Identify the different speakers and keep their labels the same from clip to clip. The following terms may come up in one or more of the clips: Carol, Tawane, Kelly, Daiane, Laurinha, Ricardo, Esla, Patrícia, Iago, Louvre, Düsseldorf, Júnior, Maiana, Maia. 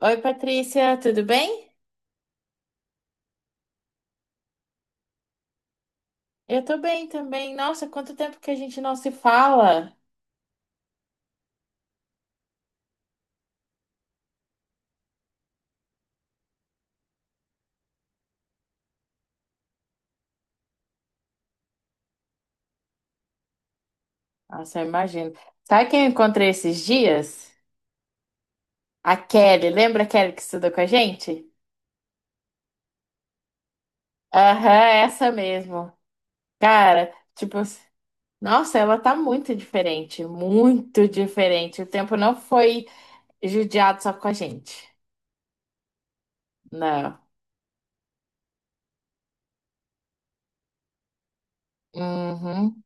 Speaker 1: Oi, Patrícia, tudo bem? Eu tô bem também. Nossa, quanto tempo que a gente não se fala. Nossa, eu imagino. Sabe quem eu encontrei esses dias? A Kelly. Lembra a Kelly que estudou com a gente? Aham, essa mesmo. Cara, tipo, nossa, ela tá muito diferente, muito diferente. O tempo não foi judiado só com a gente. Não. Uhum.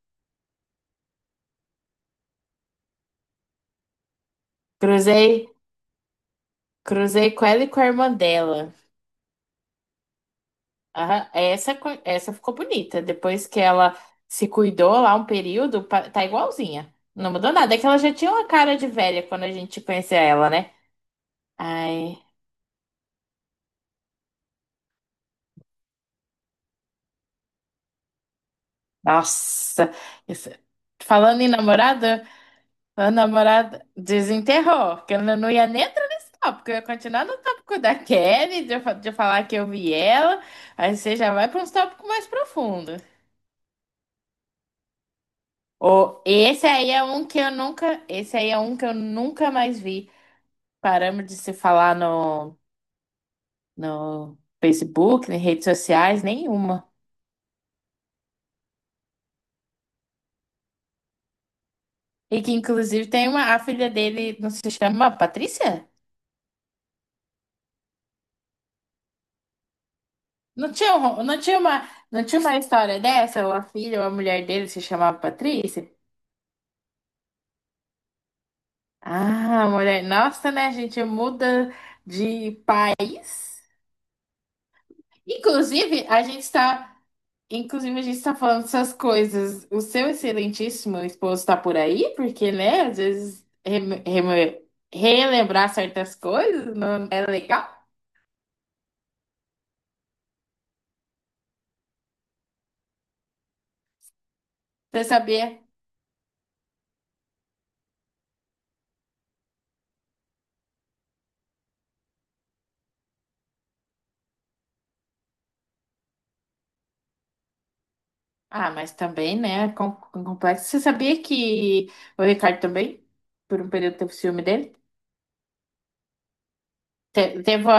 Speaker 1: Cruzei, cruzei com ela e com a irmã dela. Aham, essa, essa ficou bonita. Depois que ela se cuidou lá um período, tá igualzinha. Não mudou nada. É que ela já tinha uma cara de velha quando a gente conhecia ela, né? Ai, nossa. Isso- Falando em namorada, a namorada desenterrou, que eu não ia nem entrar nesse tópico, porque eu ia continuar no tópico da Kelly, de, de eu falar que eu vi ela. Aí você já vai para uns tópicos mais profundos. Oh, esse aí é um que eu nunca, esse aí é um que eu nunca mais vi. Paramos de se falar no Facebook, em redes sociais, nenhuma. E que inclusive tem uma, a filha dele, não se chama Patrícia? Não tinha, não tinha uma, não tinha uma história dessa? Ou a filha ou a mulher dele se chamava Patrícia? Ah, a mulher, nossa, né? A gente muda de país. Inclusive, a gente está Inclusive, a gente está falando essas coisas. O seu excelentíssimo esposo está por aí? Porque, né, às vezes relembrar certas coisas não é legal. Você sabia? Ah, mas também, né, com complexo. Você sabia que o Ricardo também, por um período, teve ciúme dele? Teve.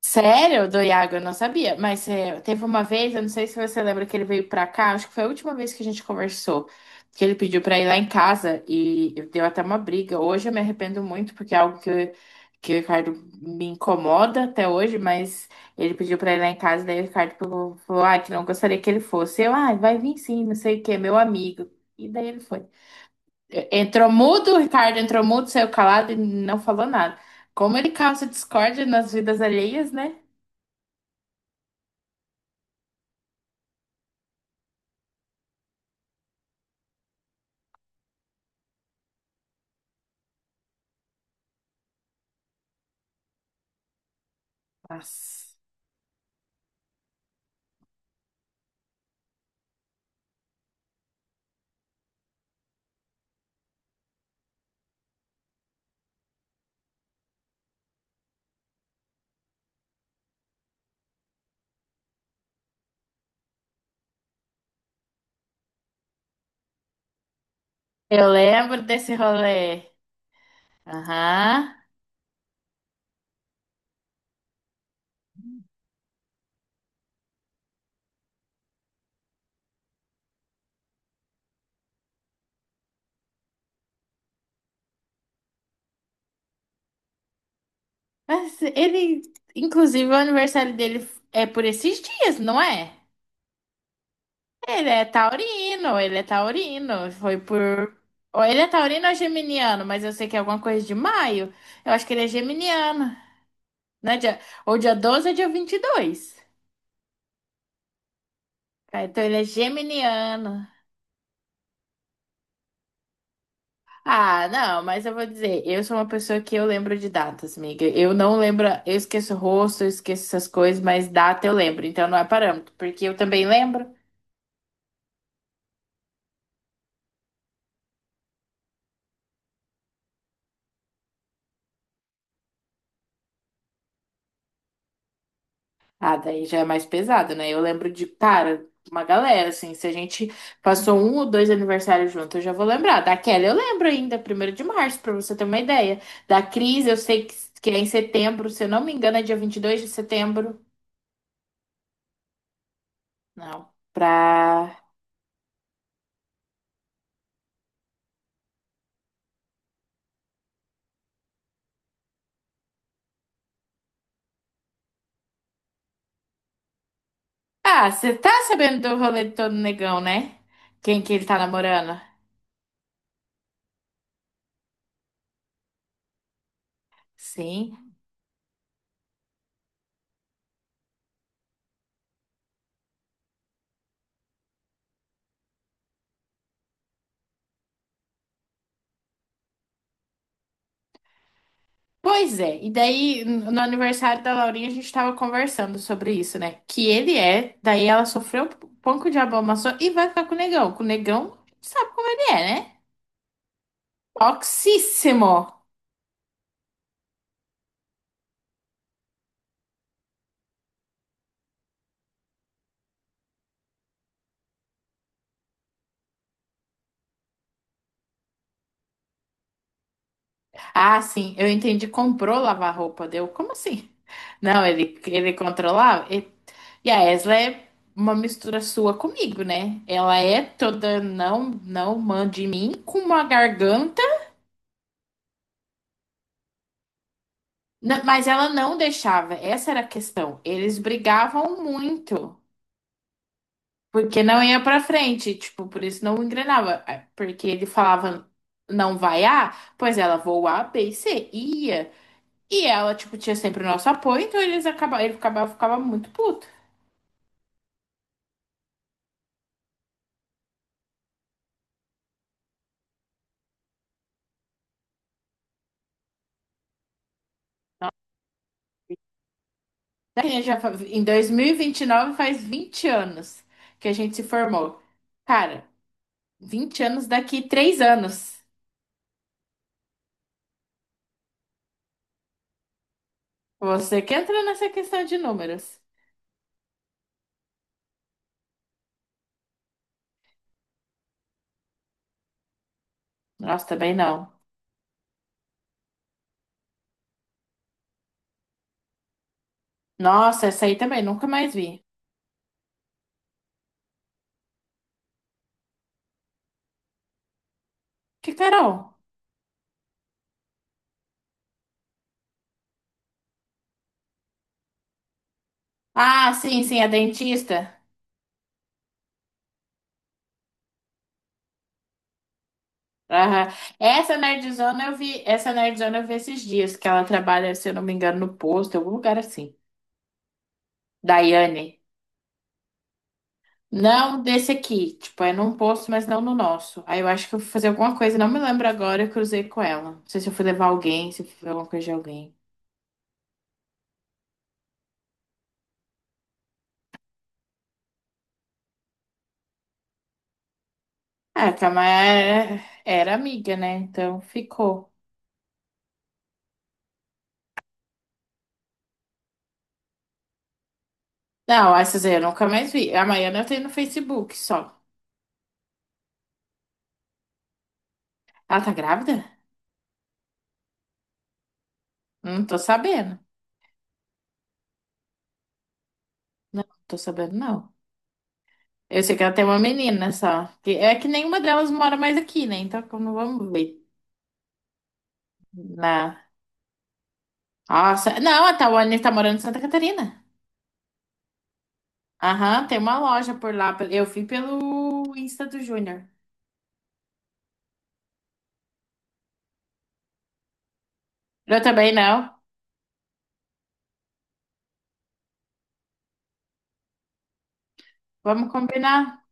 Speaker 1: Sério, do Iago, eu não sabia. Mas é, teve uma vez, eu não sei se você lembra que ele veio pra cá, acho que foi a última vez que a gente conversou, que ele pediu pra ir lá em casa e deu até uma briga. Hoje eu me arrependo muito, porque é algo que, que o Ricardo me incomoda até hoje, mas ele pediu pra ir lá em casa, daí o Ricardo falou, falou, ah, que não gostaria que ele fosse. Eu, ah, vai vir sim, não sei o quê, meu amigo. E daí ele foi. Entrou mudo, o Ricardo entrou mudo, saiu calado e não falou nada. Como ele causa discórdia nas vidas alheias, né? Nossa. Eu lembro desse rolê. Aham. Mas ele, inclusive, o aniversário dele é por esses dias, não é? Ele é taurino, ele é taurino. Foi por. Ou ele é taurino ou geminiano, mas eu sei que é alguma coisa de maio. Eu acho que ele é geminiano. Né? Dia... Ou dia 12 ou dia 22. Ah, então ele é geminiano. Ah, não, mas eu vou dizer, eu sou uma pessoa que eu lembro de datas, amiga. Eu não lembro, eu esqueço o rosto, eu esqueço essas coisas, mas data eu lembro, então não é parâmetro, porque eu também lembro. Ah, daí já é mais pesado, né? Eu lembro de, cara, uma galera, assim, se a gente passou um ou dois aniversários juntos, eu já vou lembrar. Da Kelly eu lembro ainda, primeiro de março, pra você ter uma ideia. Da Cris, eu sei que é em setembro, se eu não me engano, é dia 22 de setembro. Não, pra. Ah, você tá sabendo do rolê do todo negão, né? Quem que ele tá namorando? Sim. Pois é. E daí, no aniversário da Laurinha, a gente tava conversando sobre isso, né? Que ele é, daí ela sofreu um pouco de abomaçou e vai ficar com o negão. Com o negão, sabe como ele é, né? Toxíssimo. Ah, sim, eu entendi. Comprou lavar roupa, deu? Como assim? Não, ele controlava. E a Esla é uma mistura sua comigo, né? Ela é toda não, não mande em mim, com uma garganta, mas ela não deixava. Essa era a questão. Eles brigavam muito, porque não ia pra frente, tipo, por isso não engrenava. É. Porque ele falava, não vai A, pois ela vou A, B e C. E ia. E ela, tipo, tinha sempre o nosso apoio, então eles acabavam, ele ficava, ficava muito puto. Daí a gente já, em 2029 faz 20 anos que a gente se formou. Cara, 20 anos daqui 3 anos. Você que entra nessa questão de números. Nossa, também não. Nossa, essa aí também, nunca mais vi. Que Carol? Ah, sim, sim, a dentista. Aham. Essa nerdzona eu vi, essa nerdzona eu vi esses dias, que ela trabalha, se eu não me engano, no posto, em algum lugar assim. Daiane. Não desse aqui. Tipo, é num posto, mas não no nosso. Aí eu acho que eu fui fazer alguma coisa, não me lembro agora, eu cruzei com ela. Não sei se eu fui levar alguém, se eu fui fazer alguma coisa de alguém. Ah, que a Maia era amiga, né? Então ficou. Não, essas aí eu nunca mais vi. A Maiana eu tenho no Facebook só. Ela tá grávida? Não tô sabendo. Não, não tô sabendo, não. Eu sei que ela tem uma menina só. Que- É que nenhuma delas mora mais aqui, né? Então como vamos ver. Na... Nossa, não, a Tawane tá morando em Santa Catarina. Aham, tem uma loja por lá. Eu fui pelo Insta do Júnior. Eu também não. Vamos combinar.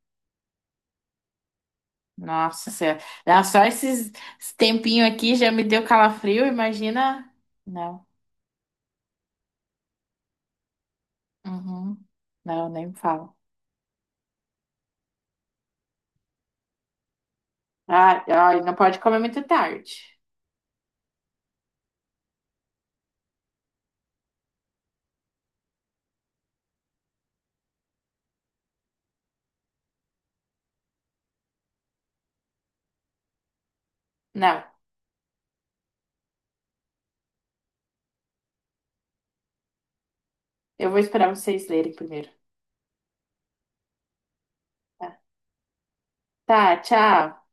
Speaker 1: Nossa Senhora. Dá Só esses esse tempinho aqui já me deu calafrio, imagina. Não. Uhum. Não, nem me fala. Ah, olha, não pode comer muito tarde. Não. Eu vou esperar vocês lerem primeiro. Tá. Tá, tchau.